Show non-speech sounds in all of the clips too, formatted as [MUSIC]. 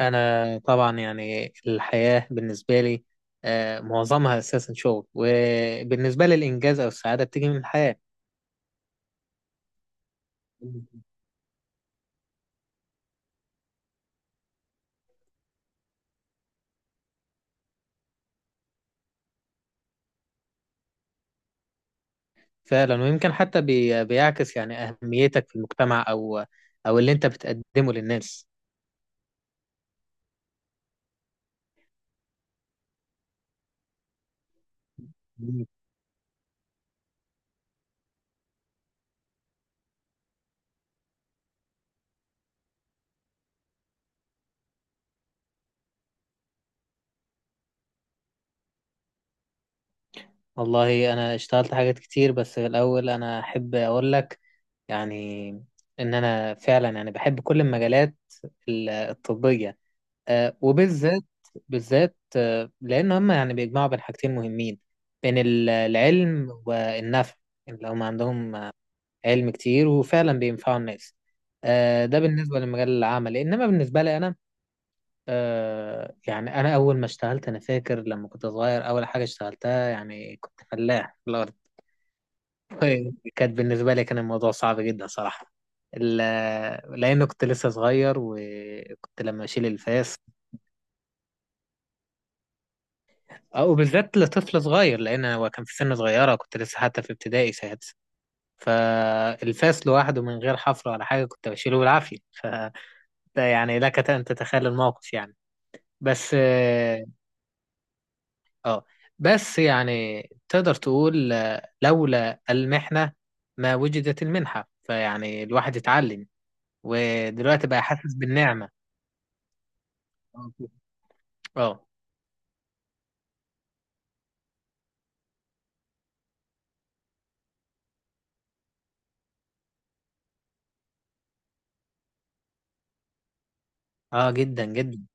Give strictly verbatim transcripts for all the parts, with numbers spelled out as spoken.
أنا طبعا يعني الحياة بالنسبة لي آه، معظمها أساسا شغل، وبالنسبة لي الإنجاز أو السعادة بتيجي من الحياة. فعلا، ويمكن حتى بي- بيعكس يعني أهميتك في المجتمع، أو أو اللي أنت بتقدمه للناس. والله أنا اشتغلت حاجات كتير، بس في الأول أنا أحب أقول لك يعني إن أنا فعلا يعني بحب كل المجالات ال- الطبية، آه، وبالذات بالذات آه، لأن هم يعني بيجمعوا بين حاجتين مهمين، بين ال- العلم والنفع، اللي هم عندهم آه، علم كتير وفعلا بينفعوا الناس. آه، ده بالنسبة لمجال العمل، إنما بالنسبة لي أنا آه، يعني أنا أول ما اشتغلت أنا فاكر لما كنت صغير، أول حاجة اشتغلتها يعني كنت فلاح في الأرض. [LAUGHS] كانت بالنسبة لي كان الموضوع صعب جدا صراحة، ال- لأنه كنت لسه صغير، وكنت لما أشيل الفاس اه وبالذات لطفل صغير، لان هو كان في سن صغيره، كنت لسه حتى في ابتدائي سادس. فالفاس لوحده من غير حفر ولا حاجه كنت بشيله بالعافيه، ف ده يعني لك ان تتخيل الموقف يعني. بس اه آه. بس يعني تقدر تقول، آه، لولا المحنه ما وجدت المنحه. فيعني الواحد اتعلم، ودلوقتي بقى حاسس بالنعمه. اه. اه. آه، جدا جدا.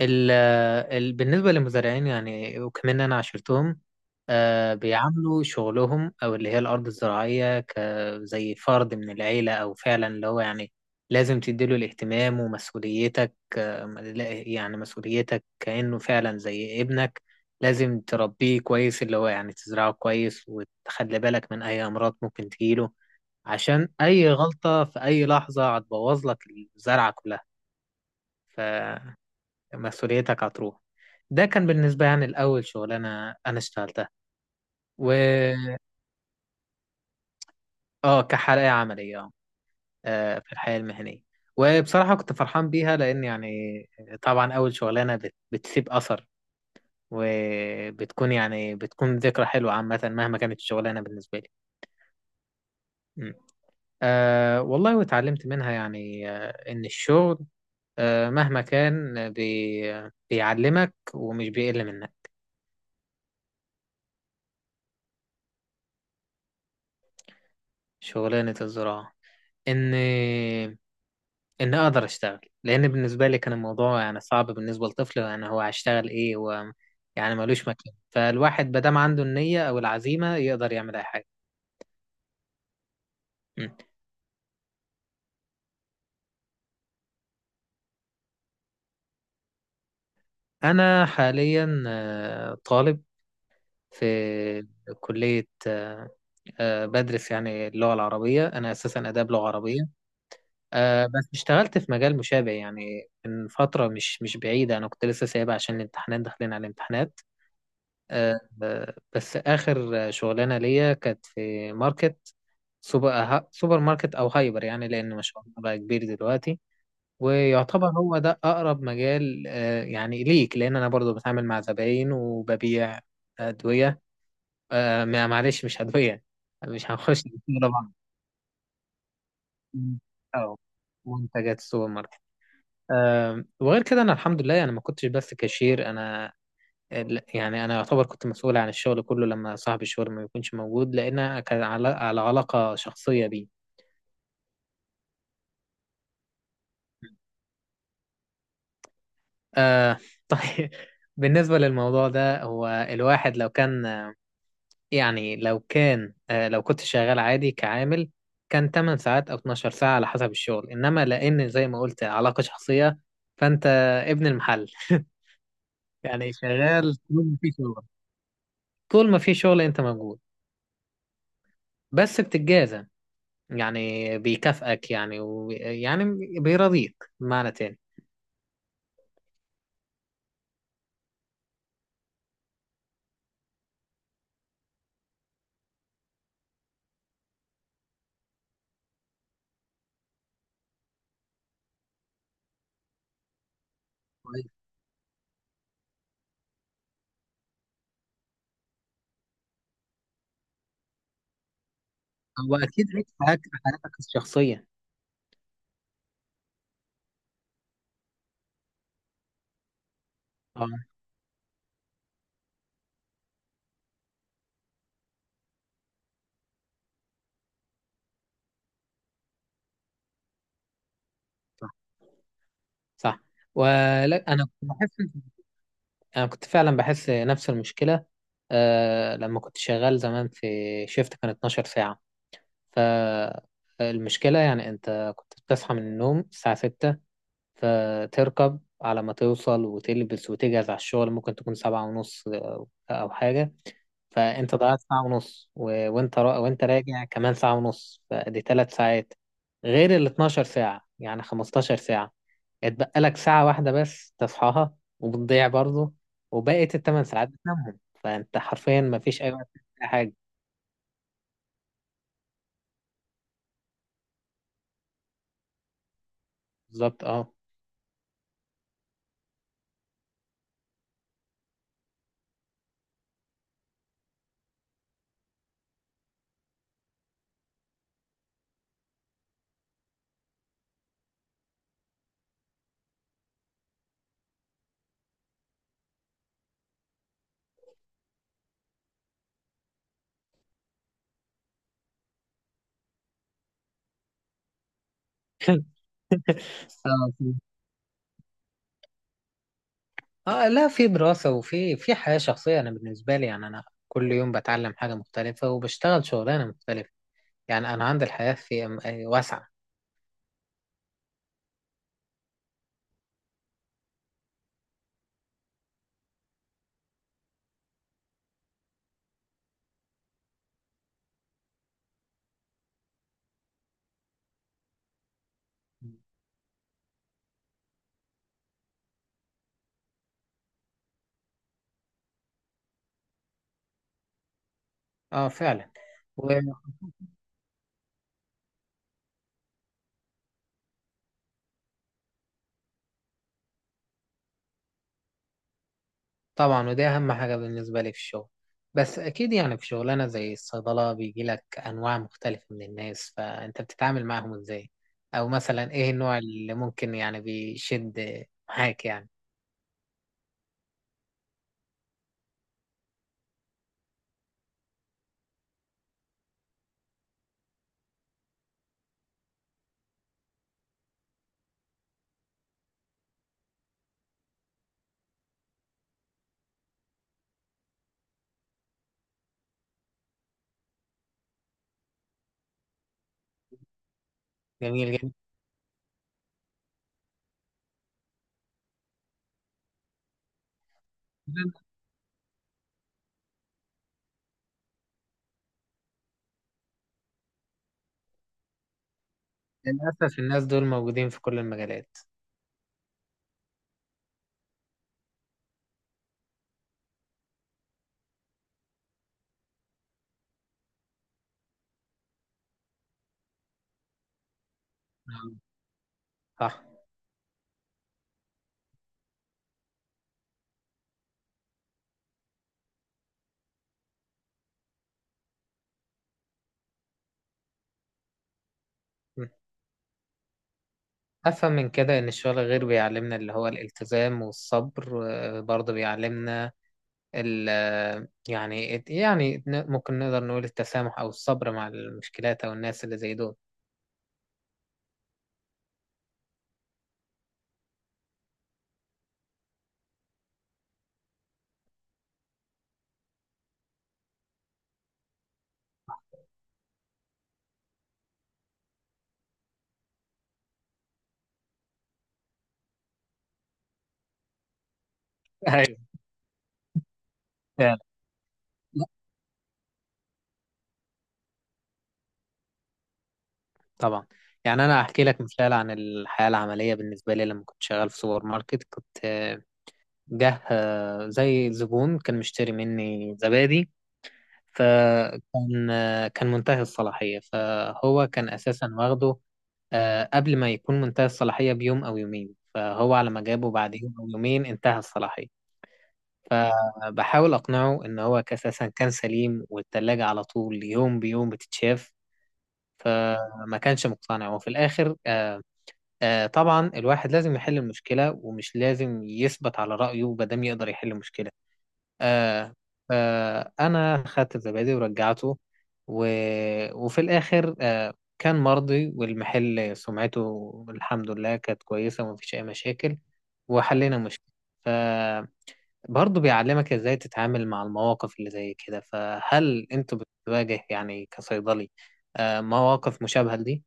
ال ال بالنسبة للمزارعين يعني، وكمان أنا عشرتهم، آه، بيعاملوا شغلهم أو اللي هي الأرض الزراعية كزي فرد من العيلة، أو فعلا اللي هو يعني لازم تديله الاهتمام ومسؤوليتك. آه، لا- يعني مسؤوليتك كأنه فعلا زي ابنك، لازم تربيه كويس، اللي هو يعني تزرعه كويس وتخلي بالك من أي أمراض ممكن تجيله، عشان أي غلطة في أي لحظة هتبوظ لك الزرعة كلها، مسؤوليتك هتروح. ده كان بالنسبة يعني الأول شغلانة أنا اشتغلتها. و آه، كحلقة عملية، آه آه، في الحياة المهنية. وبصراحة كنت فرحان بيها، لأن يعني طبعا أول شغلانة بت... بتسيب أثر، وبتكون يعني بتكون ذكرى حلوة عامة مهما كانت الشغلانة بالنسبة لي. م. آه، والله واتعلمت منها يعني، آه إن الشغل آه مهما كان بي... بيعلمك ومش بيقل منك. شغلانة الزراعة، إن ان اقدر اشتغل، لان بالنسبه لي كان الموضوع يعني صعب بالنسبه لطفل، يعني هو هيشتغل ايه؟ هو يعني ملوش مكان. فالواحد ما دام عنده النيه او العزيمه يقدر يعمل اي حاجه. م. انا حاليا آه، طالب في كليه، آه، آه، بدرس يعني اللغه العربيه، انا اساسا اداب لغه عربيه. آه، بس اشتغلت في مجال مشابه يعني، من فتره مش مش بعيده، انا كنت لسه سايبها عشان الامتحانات، داخلين على الامتحانات. آه، آه، بس آخر شغلانة ليا كانت في ماركت، سوبر آه، سوبر ماركت أو هايبر، يعني لأن ما شاء الله بقى كبير دلوقتي. ويعتبر هو ده أقرب مجال، آه، يعني ليك، لأن أنا برضو بتعامل مع زباين وببيع أدوية. آه، ما- معلش مش أدوية، مش هنخش في بعض، أو منتجات السوبر ماركت. آه، وغير كده أنا الحمد لله أنا ما كنتش بس كاشير، أنا ال- يعني انا يعتبر كنت مسؤول عن الشغل كله لما صاحب الشغل ما يكونش موجود، لان كان على على علاقه شخصيه بيه. آه. [LAUGHS] طيب، بالنسبه للموضوع ده، هو الواحد لو كان يعني لو كان آه لو كنت شغال عادي كعامل، كان 8 ساعات او اتناشر ساعة ساعه على حسب الشغل. انما لان زي ما قلت علاقه شخصيه، فانت ابن المحل. [LAUGHS] يعني شغال طول ما في شغل، طول ما في شغل انت موجود. بس بتتجازى، يعني بيكافئك يعني، و... يعني بيرضيك بمعنى تاني. كويس. هو اكيد عيد في حياتك، حياتك الشخصيه. اه. صح. صح. ولا انا كنت بحس إن- انا كنت فعلا بحس نفس المشكله، آه لما كنت شغال زمان في شيفت كان اثنا عشر ساعة ساعه. فالمشكله يعني انت كنت بتصحى من النوم الساعه ستة، فتركب على ما توصل وتلبس وتجهز على الشغل، ممكن تكون سبعة ونص او حاجه. فانت ضيعت ساعة ونص، و... وانت را... وانت راجع كمان ساعة ونص، فدي ثلاث ساعات غير ال 12 ساعة، يعني 15 ساعة. اتبقى لك ساعة واحدة بس تصحاها وبتضيع برضه، وبقيت التمن ساعات بتنامهم، فانت حرفيا ما فيش اي وقت تعمل أي حاجة. بالظبط. اه. [LAUGHS] اه. في- آه، لا، في دراسة وفي في حياة شخصية. أنا بالنسبة لي يعني أنا كل يوم بتعلم حاجة مختلفة وبشتغل شغلانة مختلفة. يعني أنا عندي الحياة في أم- آه، واسعة. اه، فعلا. طبعا، وده اهم حاجة بالنسبة لي في الشغل. بس اكيد يعني في شغلانة زي الصيدلة بيجي لك انواع مختلفة من الناس، فانت بتتعامل معاهم ازاي؟ او مثلا ايه النوع اللي ممكن يعني بيشد معاك يعني؟ جميل جدا. للأسف الناس دول موجودين في كل المجالات. نعم. صح. م. أفهم من كده إن الشغل غير بيعلمنا اللي هو الالتزام والصبر، آه، برضه بيعلمنا ال يعني، يعني ن- ممكن نقدر نقول التسامح أو الصبر مع المشكلات أو الناس اللي زي دول. [LAUGHS] ايوه، فعلا. لا، طبعا، يعني أنا أحكي لك مثال عن الحياة العملية. بالنسبة لي لما كنت شغال في سوبر ماركت، كنت آه، جه آه، زي زبون كان مشتري مني زبادي، فكان آه، كان منتهي الصلاحية. فهو كان أساسا واخده آه، قبل ما يكون منتهي الصلاحية بيوم أو يومين، فهو على ما جابه بعد يوم أو يومين انتهى الصلاحية. فبحاول أقنعه إن هو أساسا كان سليم، والتلاجة على طول يوم بيوم بتتشاف، فما كانش مقتنع. وفي الآخر، آه آه طبعا الواحد لازم يحل المشكلة ومش لازم يثبت على رأيه مادام يقدر يحل المشكلة. آه آه أنا خدت الزبادي ورجعته، و... وفي الآخر آه كان مرضي، والمحل سمعته الحمد لله كانت كويسة، ومفيش أي مشاكل، وحلينا مشكلة. ف برضه بيعلمك ازاي تتعامل مع المواقف اللي زي كده. فهل انت بتواجه يعني كصيدلي آه، مواقف مشابهة لدي؟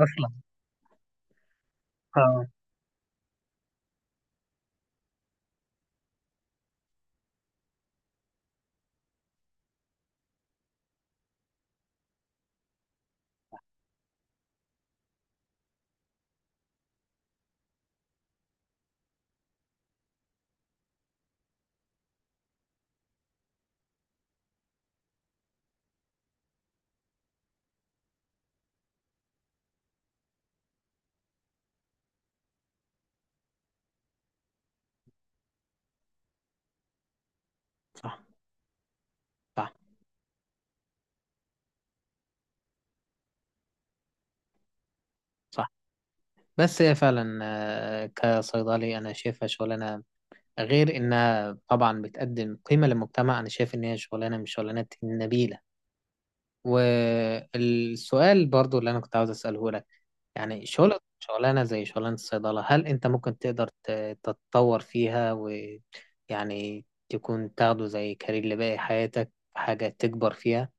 اصلا. اه. صح. صح. صح. بس هي فعلا، آه، كصيدلي انا شايفها شغلانة، غير انها طبعا بتقدم قيمة للمجتمع، انا شايف ان هي شغلانة من الشغلانات النبيلة. والسؤال برضو اللي انا كنت عاوز اساله لك، يعني شغل شغلانة زي شغلانة الصيدلة، هل أنت ممكن تقدر ت- تتطور فيها، ويعني تكون تاخده زي كارير لباقي حياتك، حاجة تكبر فيها؟